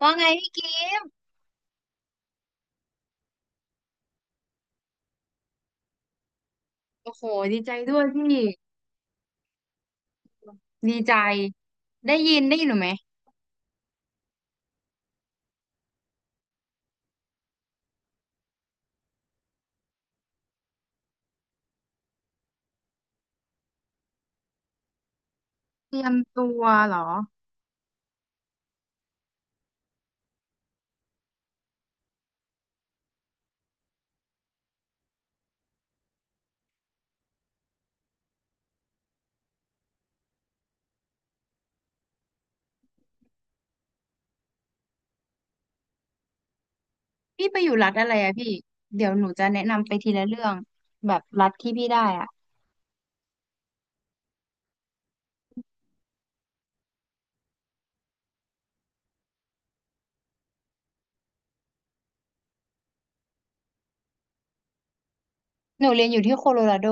ว่าไงพี่กิฟต์โอ้โหดีใจด้วยพี่ดีใจได้ยินได้ยินหนูไหมเตรียมตัวเหรอพี่ไปอยู่รัฐอะไรอะพี่เดี๋ยวหนูจะแนะนำไปทีละเรื่องแบบรัฐที่พี่ได้อะหนูเรียนอยู่ที่โคโลราโด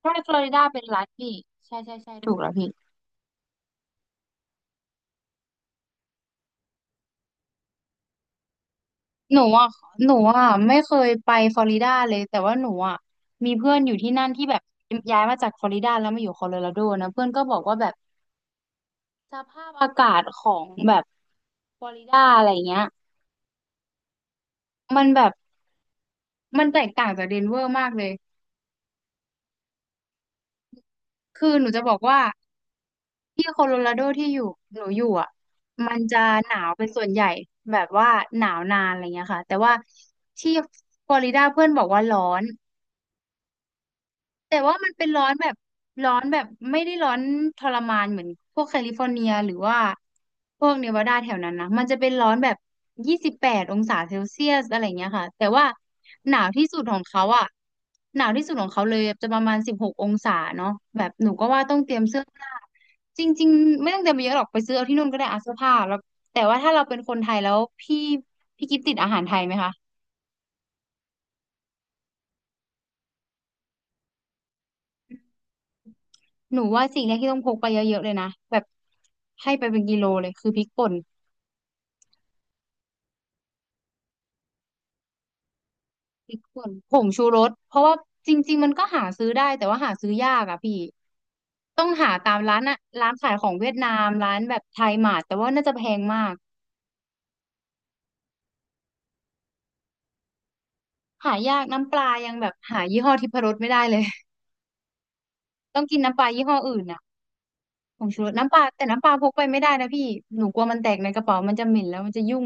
ใช่ฟลอริดาเป็นรัฐพี่ใช่ใช่ใช่ถูกแล้วพี่หนูอ่ะหนูอ่ะไม่เคยไปฟลอริดาเลยแต่ว่าหนูอ่ะมีเพื่อนอยู่ที่นั่นที่แบบย้ายมาจากฟลอริดาแล้วมาอยู่โคโลราโดนะเพื่อนก็บอกว่าแบบ สภาพอากาศของแบบฟลอริดาอะไรเงี้ยมันแบบมันแตกต่างจากเดนเวอร์มากเลยคือหนูจะบอกว่าที่โคโลราโดที่อยู่หนูอยู่อ่ะมันจะหนาวเป็นส่วนใหญ่แบบว่าหนาวนานอะไรเงี้ยค่ะแต่ว่าที่ฟลอริดาเพื่อนบอกว่าร้อน แต่ว่ามันเป็นร้อนแบบร้อนแบบไม่ได้ร้อนทรมานเหมือนพวกแคลิฟอร์เนียหรือว่าพวกเนวาดาแถวนั้นนะมันจะเป็นร้อนแบบ28องศาเซลเซียสอะไรเงี้ยค่ะแต่ว่าหนาวที่สุดของเขาอ่ะหนาวที่สุดของเขาเลยจะประมาณ16องศาเนาะแบบหนูก็ว่าต้องเตรียมเสื้อผ้าจริงๆไม่ต้องเตรียมไปเยอะหรอกไปซื้อเอาที่นู่นก็ได้อาเสื้อผ้าแล้วแต่ว่าถ้าเราเป็นคนไทยแล้วพี่กิฟติดอาหารไทยไหมคะ หนูว่าสิ่งแรกที่ต้องพกไปเยอะๆเลยนะแบบให้ไปเป็นกิโลเลยคือพริกป่นพริกป่นผงชูรสเพราะว่าจริงๆมันก็หาซื้อได้แต่ว่าหาซื้อยากอะพี่ต้องหาตามร้านอะร้านขายของเวียดนามร้านแบบไทยหมาดแต่ว่าน่าจะแพงมากหายากน้ำปลายังแบบหายี่ห้อทิพรสไม่ได้เลย ต้องกินน้ำปลายี่ห้ออื่นอะผงชูรสน้ำปลาแต่น้ำปลาพกไปไม่ได้นะพี่หนูกลัวมันแตกในกระเป๋ามันจะเหม็นแล้วมันจะยุ่ง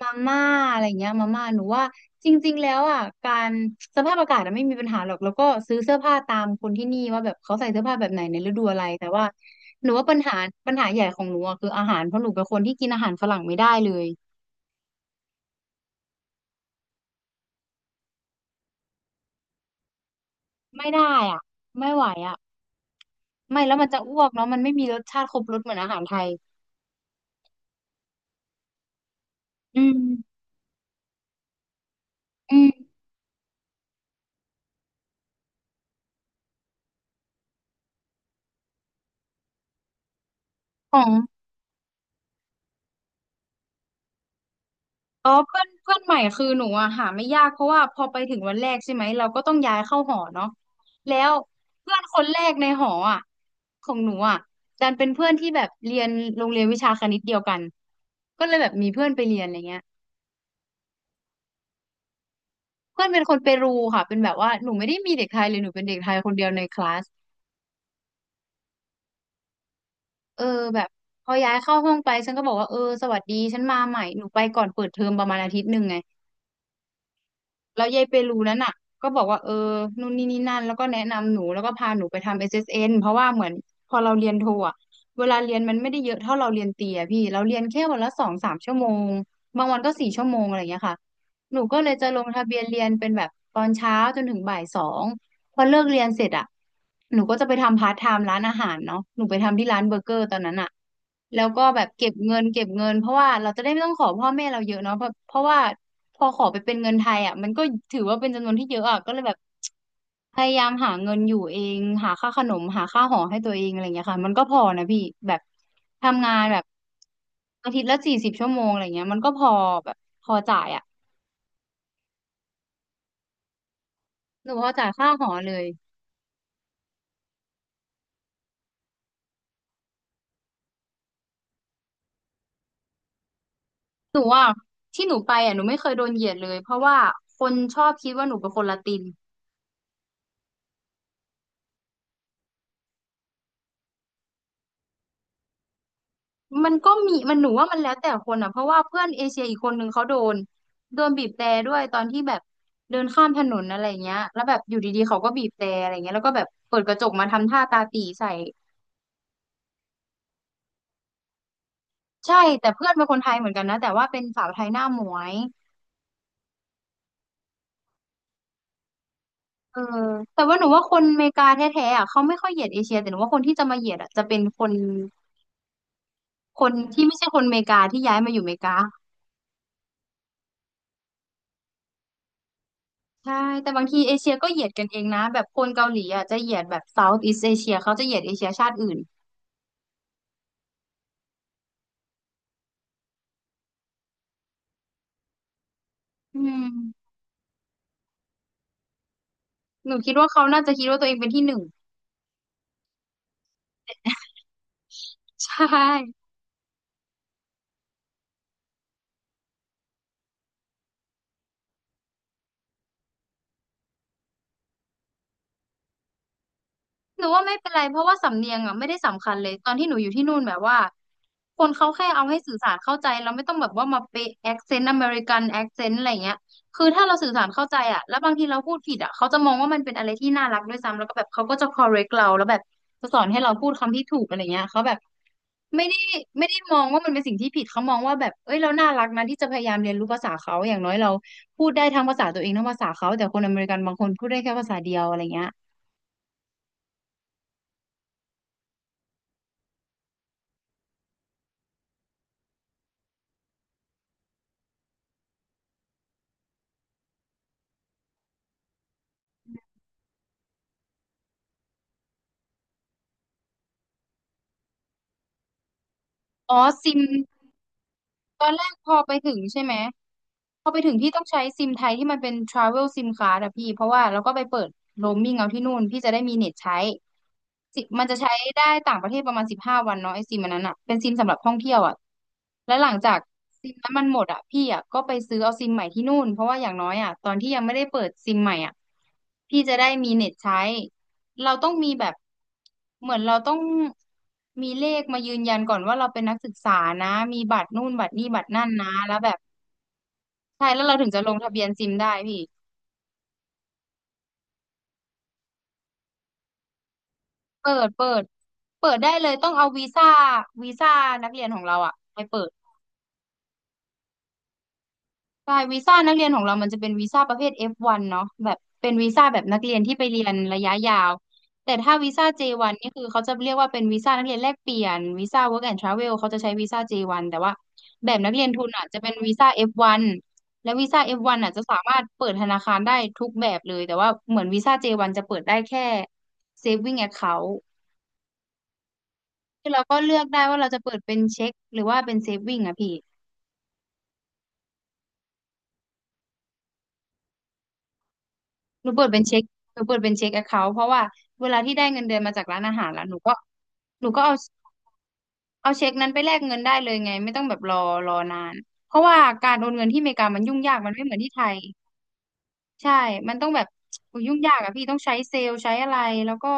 มาม่าอะไรเงี้ยมาม่าหนูว่าจริงๆแล้วอ่ะการสภาพอากาศอะไม่มีปัญหาหรอกแล้วก็ซื้อเสื้อผ้าตามคนที่นี่ว่าแบบเขาใส่เสื้อผ้าแบบไหนในฤดูอะไรแต่ว่าหนูว่าปัญหาใหญ่ของหนูอ่ะคืออาหารเพราะหนูเป็นคนที่กินอาหารฝรั่งไม่ได้เลยไม่ได้อ่ะไม่ไหวอ่ะไม่แล้วมันจะอ้วกเนาะมันไม่มีรสชาติครบรสเหมือนอาหารไทยอืมอืมของ อ๋อเพื่อนเพื่อนใหม่คือหนูอะหาไม่ยากเพราะว่าพอไปถึงวันแรกใช่ไหมเราก็ต้องย้ายเข้าหอเนาะแล้วเพื่อนคนแรกในหออะของหนูอะดันเป็นเพื่อนที่แบบเรียนโรงเรียนวิชาคณิตเดียวกันก็เลยแบบมีเพื่อนไปเรียนอะไรเงี้ยเพื่อนเป็นคนเปรูค่ะเป็นแบบว่าหนูไม่ได้มีเด็กไทยเลยหนูเป็นเด็กไทยคนเดียวในคลาสเออแบบพอย้ายเข้าห้องไปฉันก็บอกว่าเออสวัสดีฉันมาใหม่หนูไปก่อนเปิดเทอมประมาณอาทิตย์หนึ่งไง แล้วยายเปรูนั้นน่ะก็บอกว่าเออนู่นนี่นี่นั่นแล้วก็แนะนำหนูแล้วก็พาหนูไปทำ SSN เอสเอ็นเพราะว่าเหมือนพอเราเรียนโทอ่ะเวลาเรียนมันไม่ได้เยอะเท่าเราเรียนเตรียพี่เราเรียนแค่วันละ2-3ชั่วโมงบางวันก็สี่ชั่วโมงอะไรอย่างเงี้ยค่ะหนูก็เลยจะลงทะเบียนเรียนเป็นแบบตอนเช้าจนถึงบ่ายสอง พอเลิกเรียนเสร็จอะหนูก็จะไปทำพาร์ทไทม์ร้านอาหารเนาะหนูไปทำที่ร้านเบอร์เกอร์ตอนนั้นอะแล้วก็แบบเก็บเงินเก็บเงินเพราะว่าเราจะได้ไม่ต้องขอพ่อแม่เราเยอะเนาะเพราะว่าพอขอไปเป็นเงินไทยอะมันก็ถือว่าเป็นจำนวนที่เยอะอะก็เลยแบบพยายามหาเงินอยู่เองหาค่าขนมหาค่าหอให้ตัวเองอะไรางเงี้ยค่ะมันก็พอนะพี่แบบทำงานแบบอาทิตย์ละ40ชั่วโมงอะไรเงี้ยมันก็พอแบบพอจ่ายอะหนูพอจ่ายค่าหอเลย หนูอ่ะที่หนูไปอ่ะหนูไม่เคยโดนเหยียดเลยเพราะว่าคนชอบคิดว่าหนูเป็นคนละตินมันก็มีมันหนูว่ามันแล้วแต่คนอ่ะเพราะว่าเพื่อนเอเชียอีกคนนึงเขาโดนบีบแตรด้วยตอนที่แบบเดินข้ามถนนอะไรเงี้ยแล้วแบบอยู่ดีๆเขาก็บีบแตรอะไรเงี้ยแล้วก็แบบเปิดกระจกมาทำท่าตาตี่ใส่ใช่แต่เพื่อนเป็นคนไทยเหมือนกันนะแต่ว่าเป็นสาวไทยหน้าหมวยเออแต่ว่าหนูว่าคนอเมริกาแท้ๆอ่ะเขาไม่ค่อยเหยียดเอเชียแต่หนูว่าคนที่จะมาเหยียดอ่ะจะเป็นคนที่ไม่ใช่คนอเมริกาที่ย้ายมาอยู่อเมริกา ใช่ แต่บางทีเอเชียก็เหยียดกันเองนะ แบบคนเกาหลีอ่ะจะเหยียดแบบ South East Asia เขาจะเหยียดเอเชียชาติอื่นอืมหนูคิดว่าเขาน่าจะคิดว่าตัวเองเป็นที่หนึ่ง ใช่ หนูว่าไม่เป็นไรเพราะว่าสำเนียงอ่ะไม่ได้สำคัญเลยตอนที่หนูอยู่ที่นู่นแบบว่าคนเขาแค่เอาให้สื่อสารเข้าใจเราไม่ต้องแบบว่ามาเป๊ะแอคเซนต์อเมริกันแอคเซนต์อะไรเงี้ยคือถ้าเราสื่อสารเข้าใจอ่ะแล้วบางทีเราพูดผิดอ่ะเขาจะมองว่ามันเป็นอะไรที่น่ารักด้วยซ้ำแล้วก็แบบเขาก็จะ correct เราแล้วแบบจะสอนให้เราพูดคำที่ถูกอะไรเงี้ยเขาแบบไม่ได้ไม่ได้มองว่ามันเป็นสิ่งที่ผิดเขามองว่าแบบเอ้ยเราน่ารักนะที่จะพยายามเรียนรู้ภาษาเขาอย่างน้อยเราพูดได้ทั้งภาษาตัวเองทั้งภาษาเขาแต่คนอเมริกันบางคนพูดได้แค่ภาษาเดียวอะไรเงี้ยอ๋อซิม ตอนแรกพอไปถึงใช่ไหมพอไปถึงพี่ต้องใช้ซิมไทยที่มันเป็น travel sim card อะพี่เพราะว่าเราก็ไปเปิด roaming เอาที่นู่นพี่จะได้มีเน็ตใช้สิมันจะใช้ได้ต่างประเทศประมาณ15 วันเนาะไอซิมอันนั้นอะเป็นซิมสำหรับท่องเที่ยวอะและหลังจากซิมนั้นมันหมดอะพี่อะก็ไปซื้อเอาซิมใหม่ที่นู่นเพราะว่าอย่างน้อยอะตอนที่ยังไม่ได้เปิดซิมใหม่อะพี่จะได้มีเน็ตใช้ เราต้องมีแบบเหมือนเราต้องมีเลขมายืนยันก่อนว่าเราเป็นนักศึกษานะมีบัตรนู่นบัตรนี่บัตรนั่นนะแล้วแบบใช่แล้วเราถึงจะลงทะเบียนซิมได้พี่เปิดเปิดได้เลยต้องเอาวีซ่าวีซ่านักเรียนของเราอะไปเปิด ใช่วีซ่านักเรียนของเรามันจะเป็นวีซ่าประเภท F1 เนาะแบบเป็นวีซ่าแบบนักเรียนที่ไปเรียนระยะยาวแต่ถ้าวีซ่า J1 นนี่คือเขาจะเรียกว่าเป็นวีซ่านักเรียนแลกเปลี่ยนวีซ่า Work and Travel เขาจะใช้วีซ่า J1 แต่ว่าแบบนักเรียนทุนอ่ะจะเป็นวีซ่า F1 และวีซ่า F1 อฟวันอ่ะจะสามารถเปิดธนาคารได้ทุกแบบเลยแต่ว่าเหมือนวีซ่า J1 จวันจะเปิดได้แค่ Saving Account คือเราก็เลือกได้ว่าเราจะเปิดเป็นเช็คหรือว่าเป็น Saving อ่ะพี่ หนูเปิดเป็นเช็คหนูเปิดเป็นเช็คแอคเคาท์เพราะว่าเวลาที่ได้เงินเดือนมาจากร้านอาหารแล้วหนูก็เอาเช็คนั้นไปแลกเงินได้เลยไง ไม่ต้องแบบรอนาน เพราะว่าการโอนเงินที่อเมริกามันยุ่งยาก มันไม่เหมือนที่ไทย ใช่ มันต้องแบบอุ๊ยยุ่งยากอะพี่ ต้องใช้เซลล์ใช้อะไรแล้วก็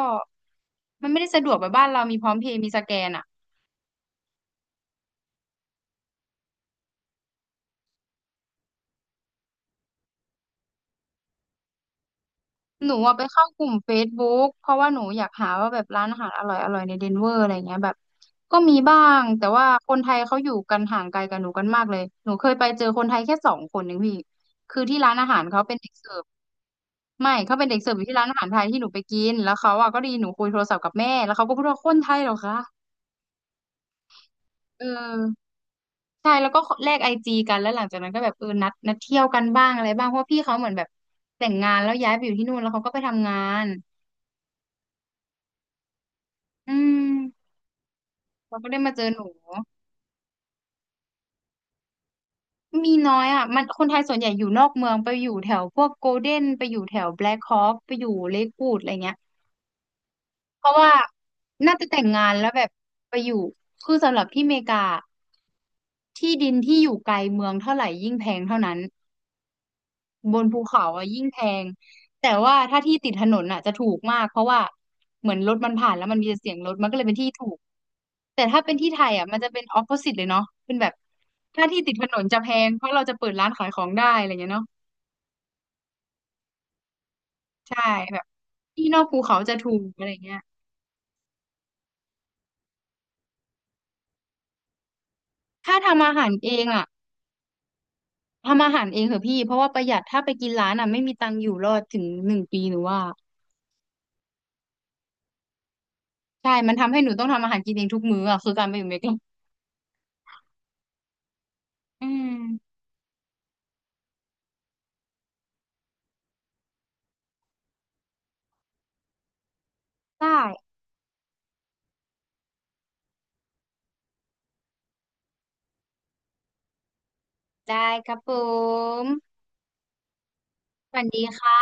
มันไม่ได้สะดวกแบบบ้านเรามีพร้อมเพย์มีสแกนอะ หนูอะไปเข้ากลุ่ม Facebook เพราะว่าหนูอยากหาว่าแบบร้านอาหารอร่อยในเดนเวอร์อะไรเงี้ยแบบก็มีบ้างแต่ว่าคนไทยเขาอยู่กันห่างไกลกับหนูกันมากเลยหนูเคยไปเจอคนไทยแค่สองคนเองพี่คือที่ร้านอาหารเขาเป็นเด็กเสิร์ฟไม่เขาเป็นเด็กเสิร์ฟอยู่ที่ร้านอาหารไทยที่หนูไปกินแล้วเขาอะก็ไดีหนูคุยโทรศัพท์กับแม่แล้วเขาก็พูดว่าคนไทยเหรอคะเออใช่แล้วก็แลกไอจีกันแล้วหลังจากนั้นก็แบบเออนัดนัดเที่ยวกันบ้างอะไรบ้างเพราะว่าพี่เขาเหมือนแบบแต่งงานแล้วย้ายไปอยู่ที่นู่นแล้วเขาก็ไปทำงานอืม มันก็ได้มาเจอหนูมีน้อยอ่ะมันคนไทยส่วนใหญ่อยู่นอกเมืองไปอยู่แถวพวกโกลเด้นไปอยู่แถวแบล็คฮอคไปอยู่เลควูดอะไรเงี้ยเพราะว่าน่าจะแต่งงานแล้วแบบไปอยู่คือสำหรับที่อเมริกาที่ดินที่อยู่ไกลเมืองเท่าไหร่ยิ่งแพงเท่านั้น บนภูเขาอ่ะยิ่งแพงแต่ว่าถ้าที่ติดถนนอ่ะจะถูกมากเพราะว่าเหมือนรถมันผ่านแล้วมันมีแต่เสียงรถมันก็เลยเป็นที่ถูกแต่ถ้าเป็นที่ไทยอ่ะมันจะเป็นออ p o s i ิตเลยเนาะเป็นแบบถ้าที่ติดถนนจะแพงเพราะเราจะเปิดร้านขายของได้อะไรเงี้ยเนาะใช่แบบที่นอกภูเขาจะถูกอะไรเงี้ยถ้าทำอาหารเองอ่ะทำอาหารเองเถอะพี่เพราะว่าประหยัดถ้าไปกินร้านอ่ะไม่มีตังค์อยู่รอดถึงหนึ่งปีหนูว่าใช่มันทำให้หนูต้องทำอาหารกินเองทุกมื้ออ่ะคือการไปอยู่อเมริกาอืมใช่ ได้ครับผมสวัสดีค่ะ